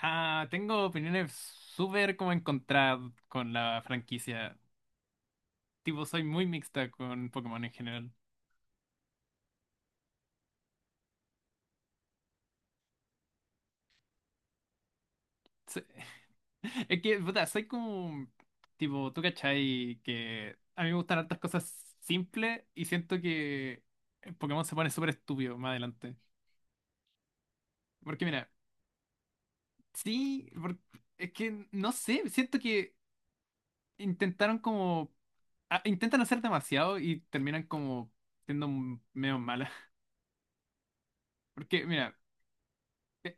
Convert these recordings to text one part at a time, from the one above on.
Ah, tengo opiniones súper como encontradas con la franquicia. Tipo, soy muy mixta con Pokémon en general. Se- Es que, puta, soy como, tipo, tú cachai que a mí me gustan hartas cosas simples y siento que Pokémon se pone súper estúpido más adelante. Porque mira, sí, es que no sé, siento que intentaron como, intentan hacer demasiado y terminan como siendo medio malas. Porque mira, eh,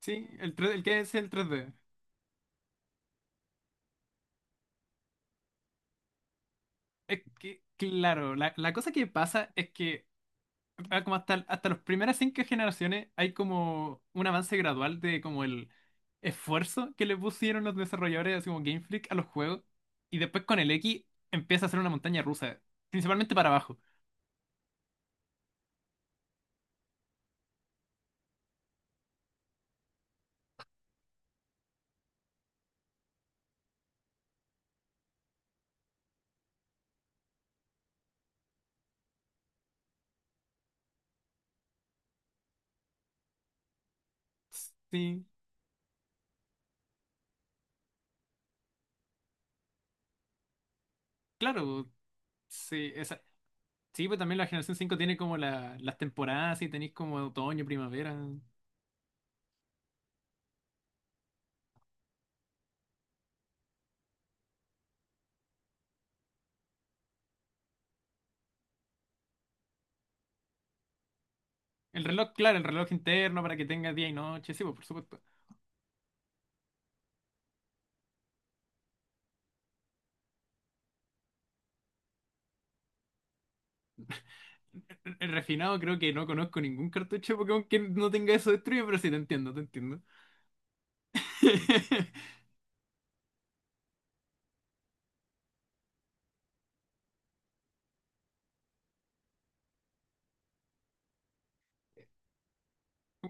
sí, el, 3 el que es el 3D. Es que, claro, la cosa que pasa es que como hasta las primeras cinco generaciones hay como un avance gradual de como el esfuerzo que le pusieron los desarrolladores, así como Game Freak, a los juegos. Y después con el X empieza a ser una montaña rusa, principalmente para abajo. Sí, claro, sí, esa, sí, pues también la generación 5 tiene como las temporadas, y tenéis como otoño, primavera. El reloj, claro, el reloj interno para que tenga día y noche, sí, pues por supuesto. El refinado creo que no conozco ningún cartucho de Pokémon que no tenga eso destruido, pero sí te entiendo, te entiendo.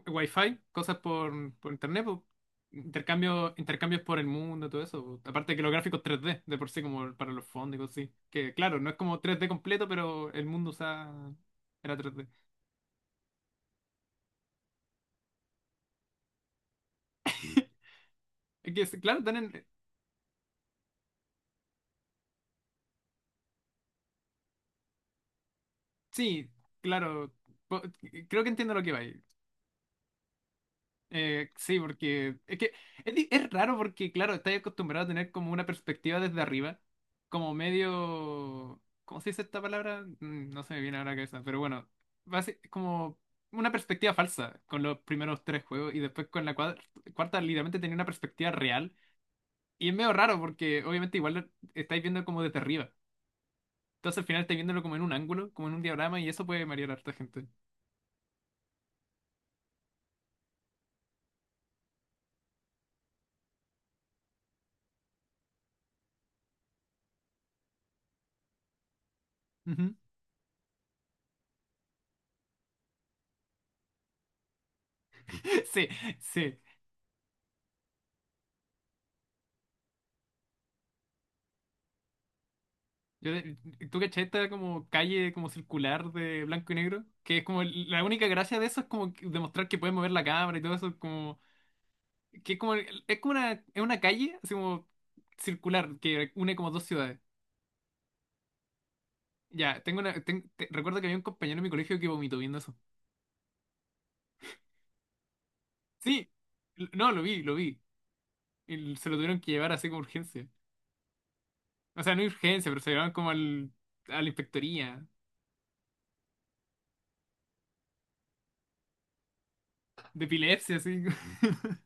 Wi-Fi, cosas por internet, po. Intercambio, intercambios por el mundo, todo eso. Po. Aparte que los gráficos 3D de por sí, como para los fondos y cosas así. Que claro, no es como 3D completo, pero el mundo usaba. Era 3D. Es que, claro, están sí, claro. po- Creo que entiendo lo que va ahí. Sí, porque es que es raro porque, claro, estás acostumbrado a tener como una perspectiva desde arriba, como medio. ¿Cómo se dice esta palabra? No se me viene ahora a la cabeza, pero bueno, como una perspectiva falsa con los primeros tres juegos y después con la cuarta literalmente tenía una perspectiva real y es medio raro porque obviamente igual lo estáis viendo como desde arriba. Entonces al final estáis viéndolo como en un ángulo, como en un diagrama y eso puede marear a harta gente. Ujú. Sí, sí. Yo, ¿tú cachai esta como calle como circular de blanco y negro? Que es como la única gracia de eso es como demostrar que puedes mover la cámara y todo eso, como que es como una calle así como circular que une como dos ciudades. Ya, tengo una ten- te- recuerdo que había un compañero en mi colegio que vomitó viendo eso. Sí, no, lo vi, lo vi. Y se lo tuvieron que llevar así como urgencia. O sea, no urgencia, pero se llevaron como al a la inspectoría de epilepsia así.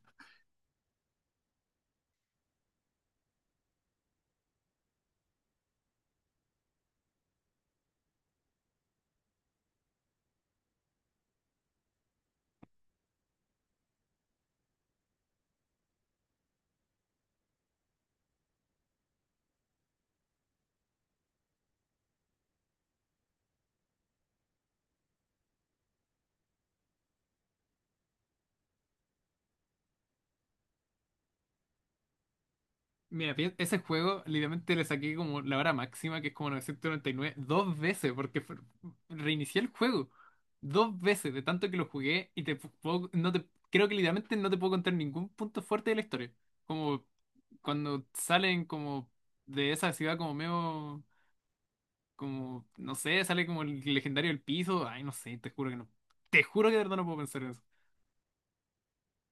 Mira, ese juego literalmente le saqué como la hora máxima, que es como 999 dos veces, porque reinicié el juego. Dos veces, de tanto que lo jugué, y te pu- puedo- no te, creo que literalmente no te puedo contar ningún punto fuerte de la historia. Como cuando salen como de esa ciudad como medio, como, no sé, sale como el legendario del piso. Ay, no sé, te juro que no. Te juro que de verdad no puedo pensar en eso.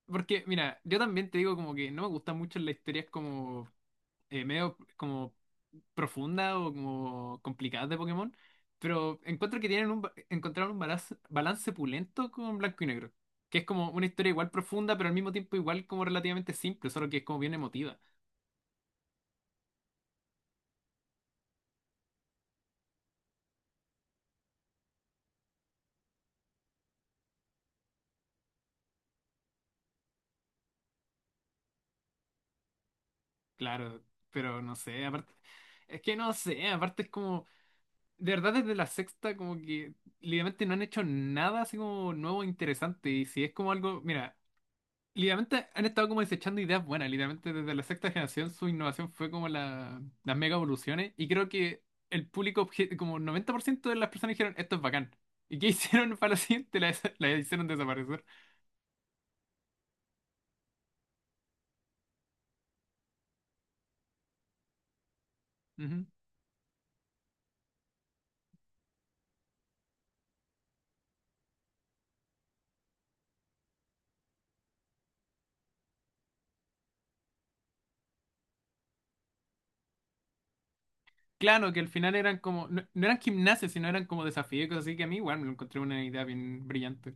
Porque, mira, yo también te digo como que no me gustan mucho las historias como medio como profunda o como complicada de Pokémon, pero encuentro que tienen encontraron un balance pulento con Blanco y Negro, que es como una historia igual profunda, pero al mismo tiempo igual como relativamente simple, solo que es como bien emotiva, claro, pero no sé, aparte, es que no sé, aparte es como, de verdad desde la sexta como que literalmente no han hecho nada así como nuevo e interesante, y si es como algo, mira, literalmente han estado como desechando ideas buenas. Literalmente desde la sexta generación su innovación fue como las mega evoluciones. Y creo que el público, como 90% de las personas dijeron, esto es bacán. ¿Y qué hicieron para la siguiente? La hicieron desaparecer. Ujú. Claro, que al final eran como, no, no eran gimnasios, sino eran como desafíos y cosas así que a mí igual me lo encontré una idea bien brillante.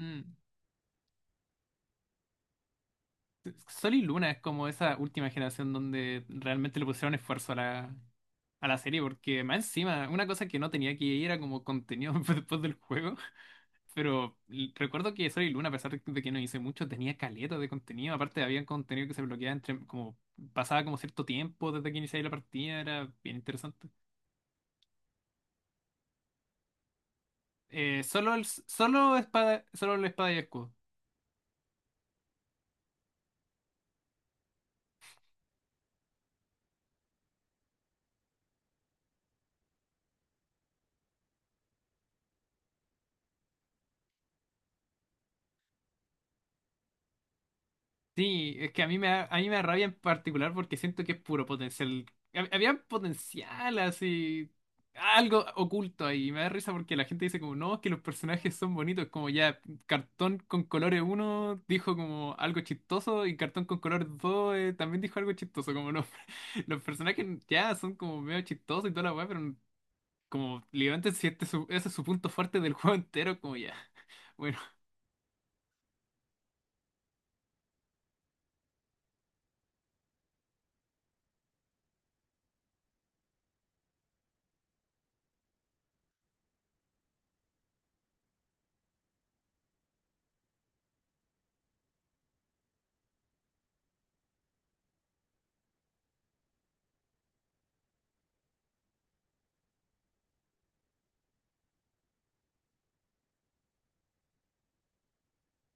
Mm. Sol y Luna es como esa última generación donde realmente le pusieron esfuerzo a la serie, porque más encima, una cosa que no tenía que ir era como contenido después del juego. Pero recuerdo que Sol y Luna, a pesar de que no hice mucho, tenía caleta de contenido. Aparte, había contenido que se bloqueaba entre, como, pasaba como cierto tiempo desde que iniciaba la partida, era bien interesante. Solo espada, solo la espada y escudo. Sí, es que a mí me da rabia en particular porque siento que es puro potencial. Había potencial así, algo oculto ahí. Y me da risa porque la gente dice como, no, es que los personajes son bonitos, como ya, Cartón con colores uno dijo como algo chistoso y Cartón con colores 2 también dijo algo chistoso, como no. Los personajes ya son como medio chistosos y toda la weá, pero como literalmente si este es su punto fuerte del juego entero, como ya. Bueno.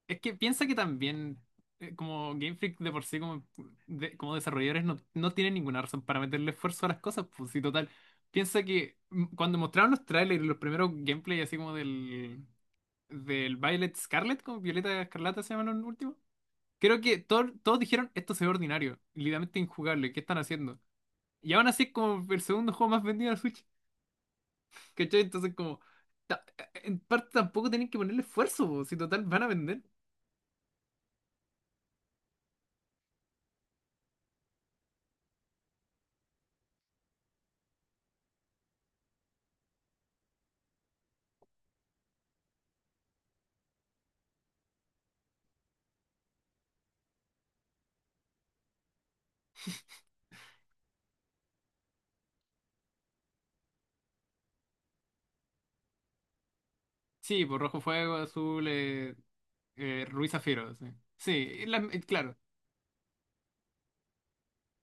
Es que piensa que también, como Game Freak de por sí, como, como desarrolladores, no, no tienen ninguna razón para meterle esfuerzo a las cosas, pues sí, total. Piensa que cuando mostraron los trailers, los primeros gameplay así como del, Violet Scarlet, como Violeta Escarlata se llaman los últimos, creo que todos dijeron, esto se ve ordinario, literalmente injugable, ¿qué están haciendo? Y aún así es como el segundo juego más vendido de la Switch, ¿cachai? Entonces como, en parte tampoco tienen que ponerle esfuerzo, pues, si total van a vender. Sí, pues rojo fuego, azul, Ruiz Zafiro, sí. Sí, y claro.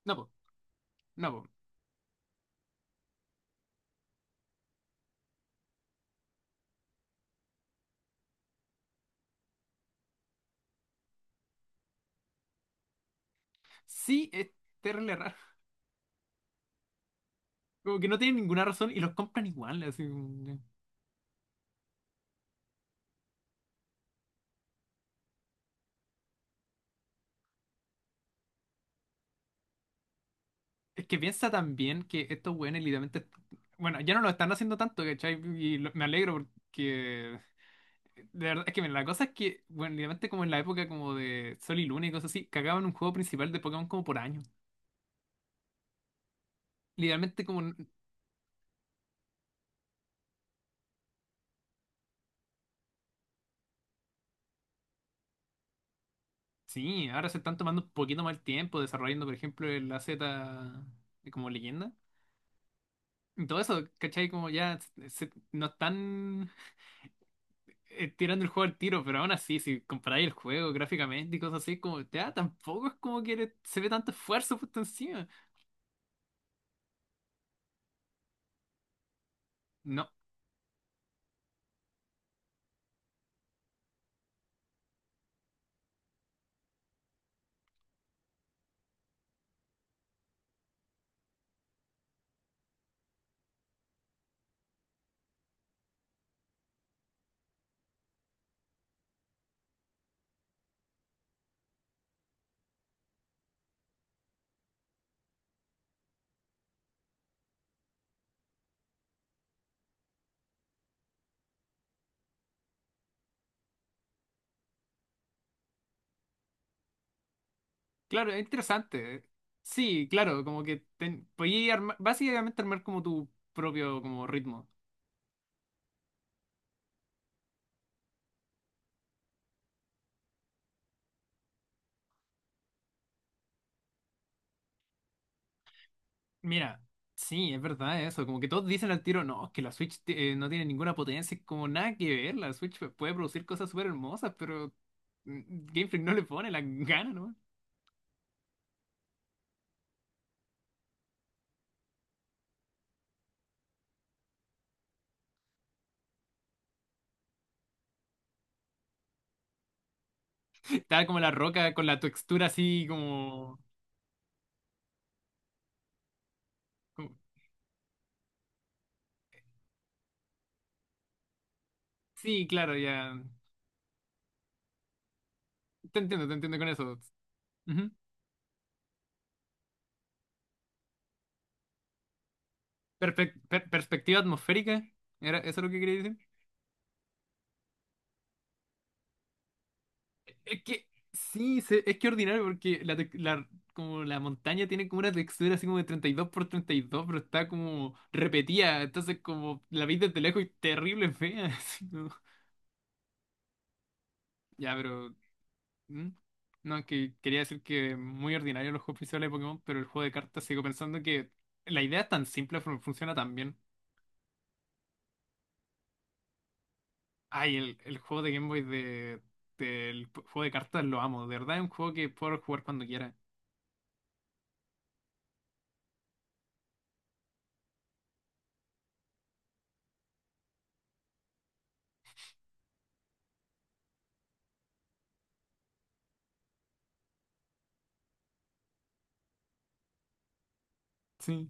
No, po, no, po. Sí, es terrible raro. Como que no tienen ninguna razón y los compran igual. Es que piensa también que estos güeyes literalmente. Bueno, ya no lo están haciendo tanto, ¿cachai? Y me alegro porque. De verdad, es que mira, la cosa es que, bueno, literalmente como en la época como de Sol y Luna y cosas así, cagaban un juego principal de Pokémon como por año. Literalmente como. Sí, ahora se están tomando un poquito más el tiempo desarrollando, por ejemplo, el AZ como leyenda. Y todo eso, ¿cachai? Como ya no están tirando el juego al tiro, pero aún así, si comparáis el juego gráficamente y cosas así, como ya tampoco es como que se ve tanto esfuerzo puesto encima. No, claro, es interesante. Sí, claro, como que podías básicamente armar como tu propio como ritmo. Mira, sí, es verdad eso. Como que todos dicen al tiro, no, es que la Switch no tiene ninguna potencia, es como nada que ver. La Switch puede producir cosas súper hermosas, pero mm, Game Freak no le pone la ganas, ¿no? Estaba como la roca con la textura así como. como- Sí, claro, ya. Te entiendo con eso. Ujú. Perspectiva atmosférica, ¿era eso lo que quería decir? Es que sí, es que ordinario porque como la montaña tiene como una textura así como de 32 × 32 pero está como repetida, entonces como la veis desde lejos y terrible fea. Ya, pero. ¿Mm? No, es que quería decir que muy ordinario los juegos principales de Pokémon, pero el juego de cartas sigo pensando que la idea es tan simple, funciona tan bien. Ay, el juego de Game Boy del juego de cartas lo amo, de verdad es un juego que puedo jugar cuando quiera. Sí.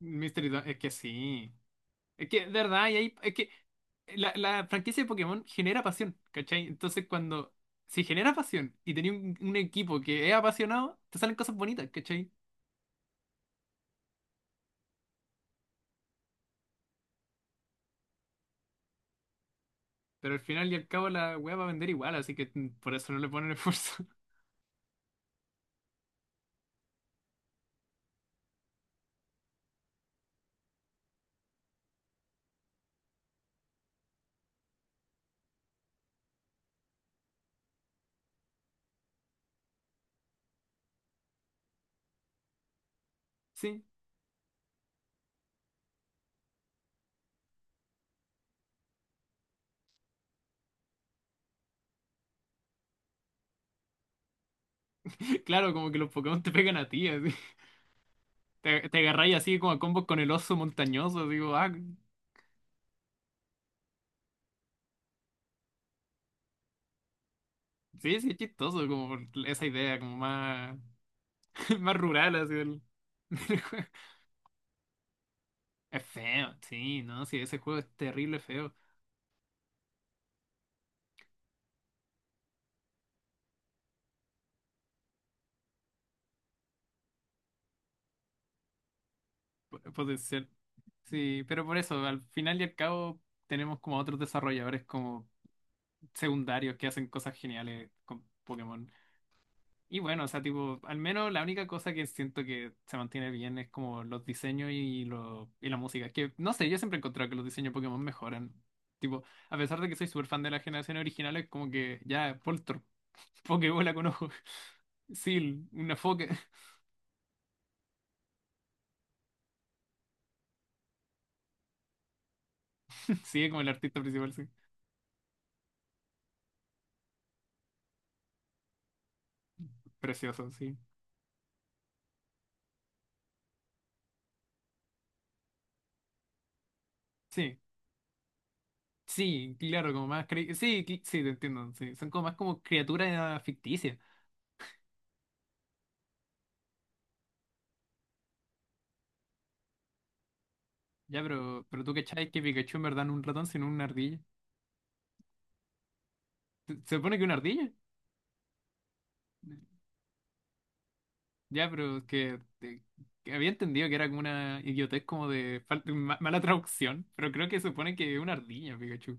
Es que sí. Es que, de verdad, y ahí, es que la franquicia de Pokémon genera pasión, ¿cachai? Entonces, cuando si genera pasión y tenía un equipo que es apasionado, te salen cosas bonitas, ¿cachai? Pero al final y al cabo la wea va a vender igual, así que por eso no le ponen esfuerzo. Sí, claro, como que los Pokémon te pegan a ti, así. Te agarráis así como a combos con el oso montañoso, digo, sí, sí, es chistoso, como por esa idea, como más, más rural, así del del juego. Es feo, sí, no, sí, ese juego es terrible feo. Puede ser. Sí, pero por eso, al final y al cabo, tenemos como otros desarrolladores como secundarios que hacen cosas geniales con Pokémon. Y bueno, o sea, tipo, al menos la única cosa que siento que se mantiene bien es como los diseños y la música. Que no sé, yo siempre he encontrado que los diseños de Pokémon mejoran. Tipo, a pesar de que soy súper fan de la generación original, es como que ya, Poltor, Pokébola con ojos. Sí, una foca. Sí, es como el artista principal, sí. Precioso, sí. Sí. Sí, claro, como más. Sí, sí, te entiendo. Sí. Son como más como criaturas ficticias. Ya, pero tú cachai que Pikachu en verdad no es un ratón, sino una ardilla. ¿Se supone que una ardilla? Ya, pero es que había entendido que era como una idiotez como de mala traducción, pero creo que se supone que es una ardilla, Pikachu.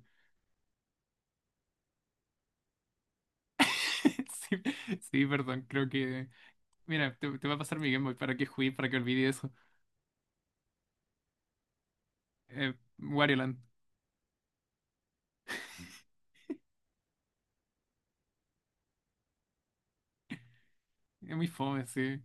Sí, sí, perdón, creo que. Mira, te va a pasar mi Game Boy para que juegues, para que olvide eso. Wario Land. Es muy fome, sí.